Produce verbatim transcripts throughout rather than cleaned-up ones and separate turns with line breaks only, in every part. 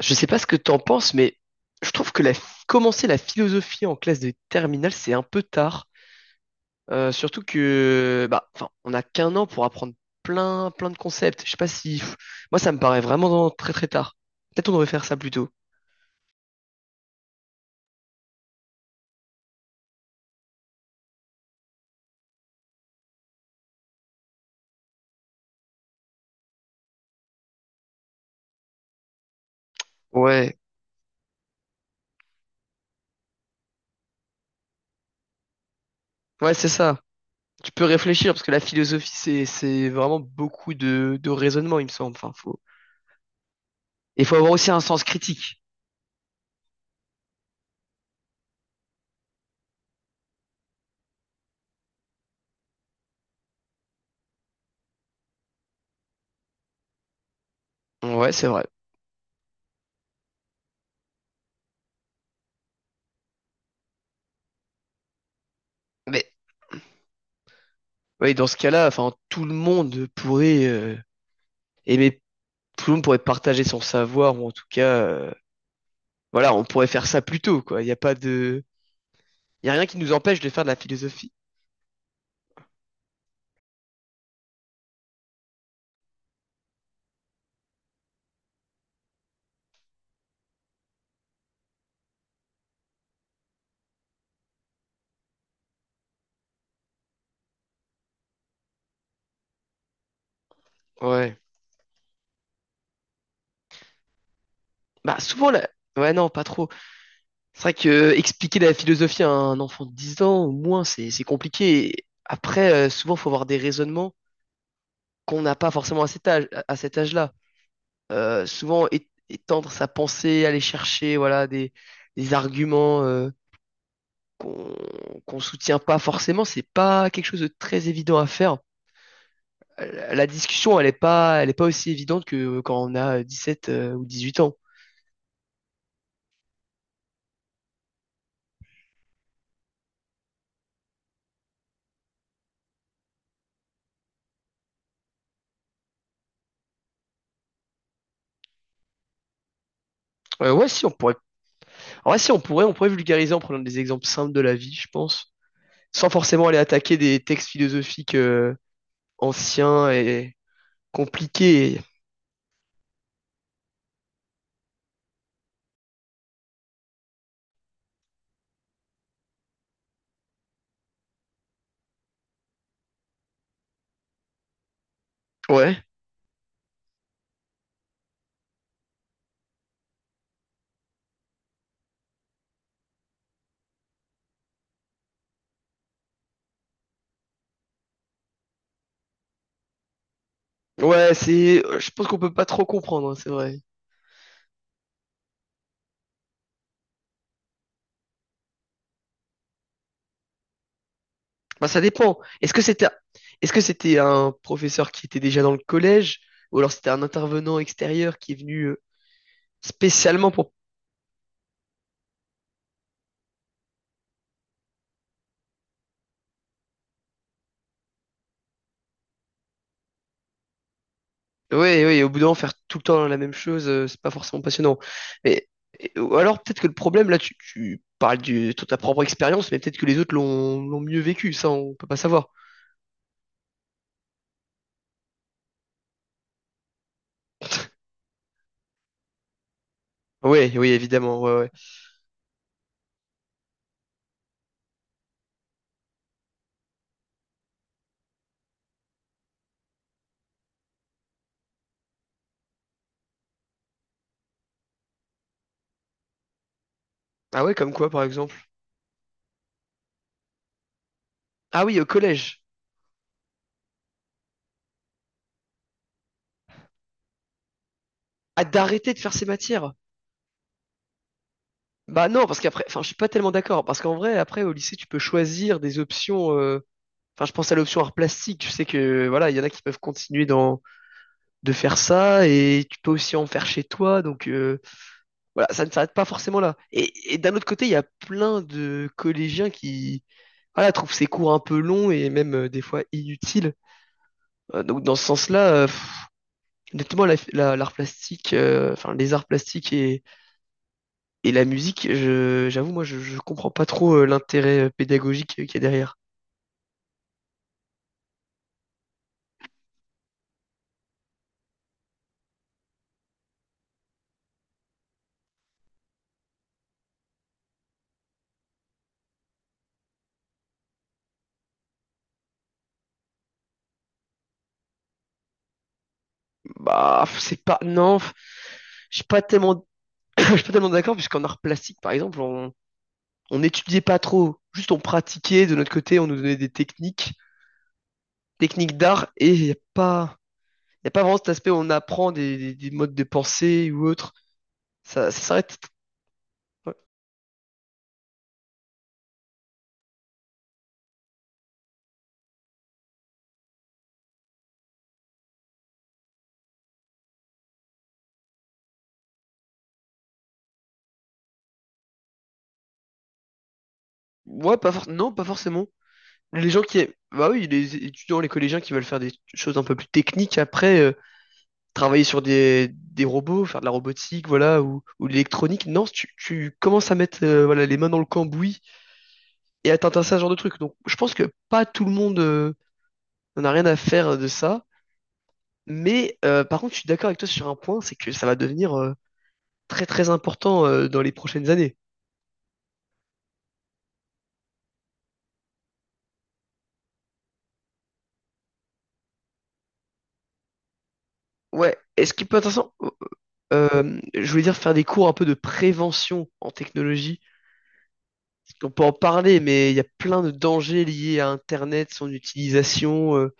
Je sais pas ce que t'en penses, mais je trouve que la, commencer la philosophie en classe de terminale, c'est un peu tard. Euh, surtout que, bah, enfin, on n'a qu'un an pour apprendre plein, plein de concepts. Je sais pas si, pff, moi, ça me paraît vraiment dans- très, très tard. Peut-être on devrait faire ça plus tôt. Ouais, ouais, c'est ça. Tu peux réfléchir parce que la philosophie, c'est, c'est vraiment beaucoup de, de raisonnement, il me semble. Enfin, faut, il faut avoir aussi un sens critique. Ouais, c'est vrai. Mais, ouais, dans ce cas-là, enfin, tout le monde pourrait euh, aimer tout le monde pourrait partager son savoir ou en tout cas, euh, voilà, on pourrait faire ça plus tôt, quoi. Il n'y a pas de, il y a rien qui nous empêche de faire de la philosophie. Ouais. Bah souvent la. Ouais, non, pas trop. C'est vrai que euh, expliquer la philosophie à un enfant de dix ans, au moins, c'est c'est compliqué. Et après, euh, souvent, faut avoir des raisonnements qu'on n'a pas forcément à cet âge, à à cet âge-là. Euh, souvent, é- étendre sa pensée, aller chercher, voilà, des, des arguments euh, qu'on qu'on soutient pas forcément, c'est pas quelque chose de très évident à faire. Euh, La discussion, elle est pas, elle est pas aussi évidente que quand on a dix-sept euh, ou dix huit ans. Euh, ouais, si on pourrait. En vrai, si on pourrait, on pourrait vulgariser en prenant des exemples simples de la vie, je pense. Sans forcément aller attaquer des textes philosophiques euh, anciens et compliqués. Ouais. Ouais, c'est. Je pense qu'on peut pas trop comprendre, hein, c'est vrai. Bah, ça dépend. Est-ce que c'était, est-ce que c'était un professeur qui était déjà dans le collège, ou alors c'était un intervenant extérieur qui est venu euh, spécialement pour. Ouais, ouais. Au bout d'un moment, faire tout le temps la même chose, euh, c'est pas forcément passionnant. Mais et- ou alors peut-être que le problème là, tu, tu parles du- de ta propre expérience, mais peut-être que les autres l'ont l'ont mieux vécu. Ça, on peut pas savoir. Oui, oui, évidemment. Ouais, ouais. Ah ouais, comme quoi, par exemple? Ah oui, au collège. Ah, d'arrêter de faire ces matières. Bah non, parce qu'après, enfin, je suis pas tellement d'accord. Parce qu'en vrai, après, au lycée, tu peux choisir des options. euh, Enfin, je pense à l'option art plastique. Je sais que, voilà, il y en a qui peuvent continuer dans, de faire ça. Et tu peux aussi en faire chez toi. Donc, euh, voilà, ça ne s'arrête pas forcément là. Et, et d'un autre côté, il y a plein de collégiens qui, voilà, trouvent ces cours un peu longs et même euh, des fois inutiles. Euh, donc, dans ce sens-là, euh, pff, honnêtement, la- la- l'art plastique, euh, enfin les arts plastiques et, et la musique, je, j'avoue, moi, je, je comprends pas trop euh, l'intérêt euh, pédagogique euh, qu'il y a derrière. Bah, c'est pas, non, je suis pas tellement, je suis pas tellement d'accord, puisqu'en art plastique, par exemple, on, on n'étudiait pas trop, juste on pratiquait de notre côté, on nous donnait des techniques, techniques d'art, et il n'y a pas, y a pas vraiment cet aspect où on apprend des, des- des modes de pensée ou autre. Ça, ça s'arrête. Ouais, pas for- non, pas forcément. Les gens qui aiment. Bah oui, les étudiants, les collégiens qui veulent faire des choses un peu plus techniques après, euh, travailler sur des, des robots, faire de la robotique, voilà, ou, ou de l'électronique. Non, tu, tu commences à mettre euh, voilà, les mains dans le cambouis et à t'intéresser à ce genre de truc. Donc je pense que pas tout le monde euh, n'en a rien à faire de ça. Mais euh, par contre, je suis d'accord avec toi sur un point, c'est que ça va devenir euh, très très important euh, dans les prochaines années. Ouais, et ce qui peut être intéressant, euh, je voulais dire faire des cours un peu de prévention en technologie. On peut en parler, mais il y a plein de dangers liés à Internet, son utilisation, euh,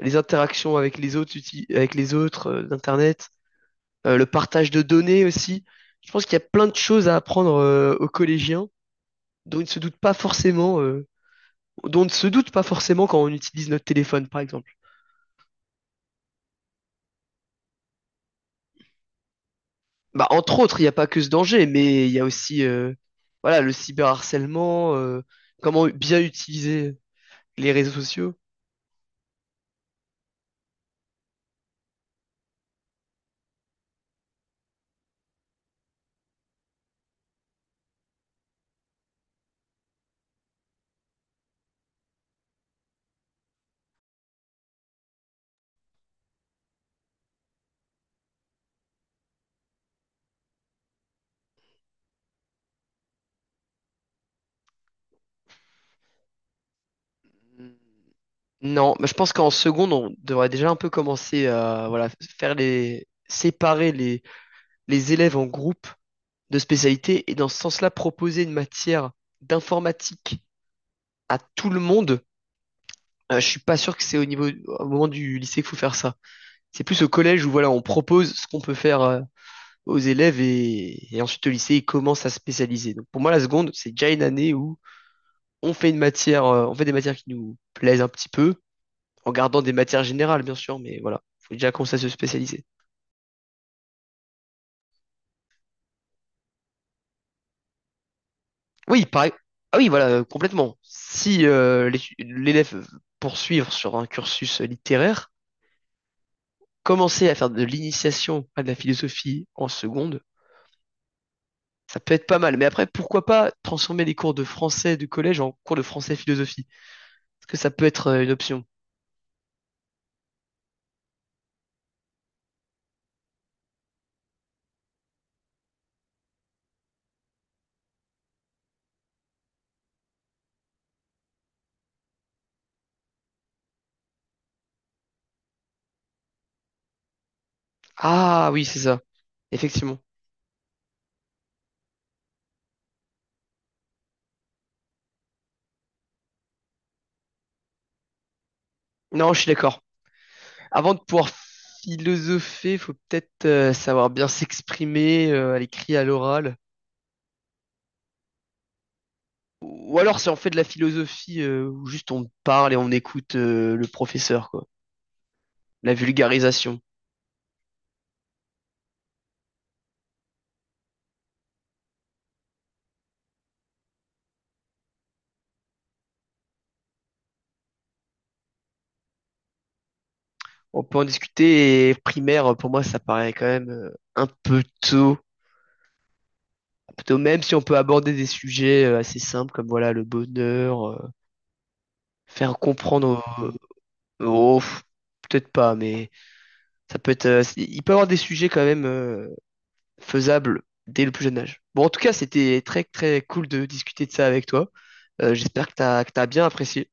les interactions avec les autres, uti- avec les autres euh, d'Internet, euh, le partage de données aussi. Je pense qu'il y a plein de choses à apprendre euh, aux collégiens dont ils ne se doutent pas forcément, euh, dont on ne se doute pas forcément quand on utilise notre téléphone, par exemple. Bah, entre autres, il n'y a pas que ce danger, mais il y a aussi euh, voilà, le cyberharcèlement, euh, comment bien utiliser les réseaux sociaux. Non, mais je pense qu'en seconde, on devrait déjà un peu commencer à voilà, faire les séparer les, les élèves en groupes de spécialité et dans ce sens-là proposer une matière d'informatique à tout le monde. Euh, je suis pas sûr que c'est au niveau au moment du lycée qu'il faut faire ça. C'est plus au collège où voilà, on propose ce qu'on peut faire euh, aux élèves et, et ensuite au lycée, ils commencent à se spécialiser. Donc pour moi, la seconde, c'est déjà une année où on fait une matière, euh, on fait des matières qui nous plaisent un petit peu, en gardant des matières générales, bien sûr, mais voilà, faut déjà commencer à se spécialiser. Oui, pareil. Ah oui, voilà, euh, complètement. Si euh, l'étu- l'élève veut poursuivre sur un cursus littéraire, commencer à faire de l'initiation à de la philosophie en seconde ça peut être pas mal. Mais après, pourquoi pas transformer les cours de français du collège en cours de français philosophie? Est-ce que ça peut être euh, une option? Ah oui, c'est ça. Effectivement. Non, je suis d'accord. Avant de pouvoir philosopher, faut peut-être euh, savoir bien s'exprimer euh, à l'écrit, à l'oral. Ou alors, c'est en fait de la philosophie, euh, où juste on parle et on écoute euh, le professeur, quoi. La vulgarisation. On peut en discuter et primaire, pour moi, ça paraît quand même euh, un peu tôt. Un peu tôt, même si on peut aborder des sujets euh, assez simples comme voilà le bonheur, euh, faire comprendre aux. Aux- pff, peut-être pas, mais ça peut être. Euh, il peut y avoir des sujets quand même euh, faisable dès le plus jeune âge. Bon, en tout cas, c'était très, très cool de discuter de ça avec toi. Euh, j'espère que t'as, que t'as bien apprécié.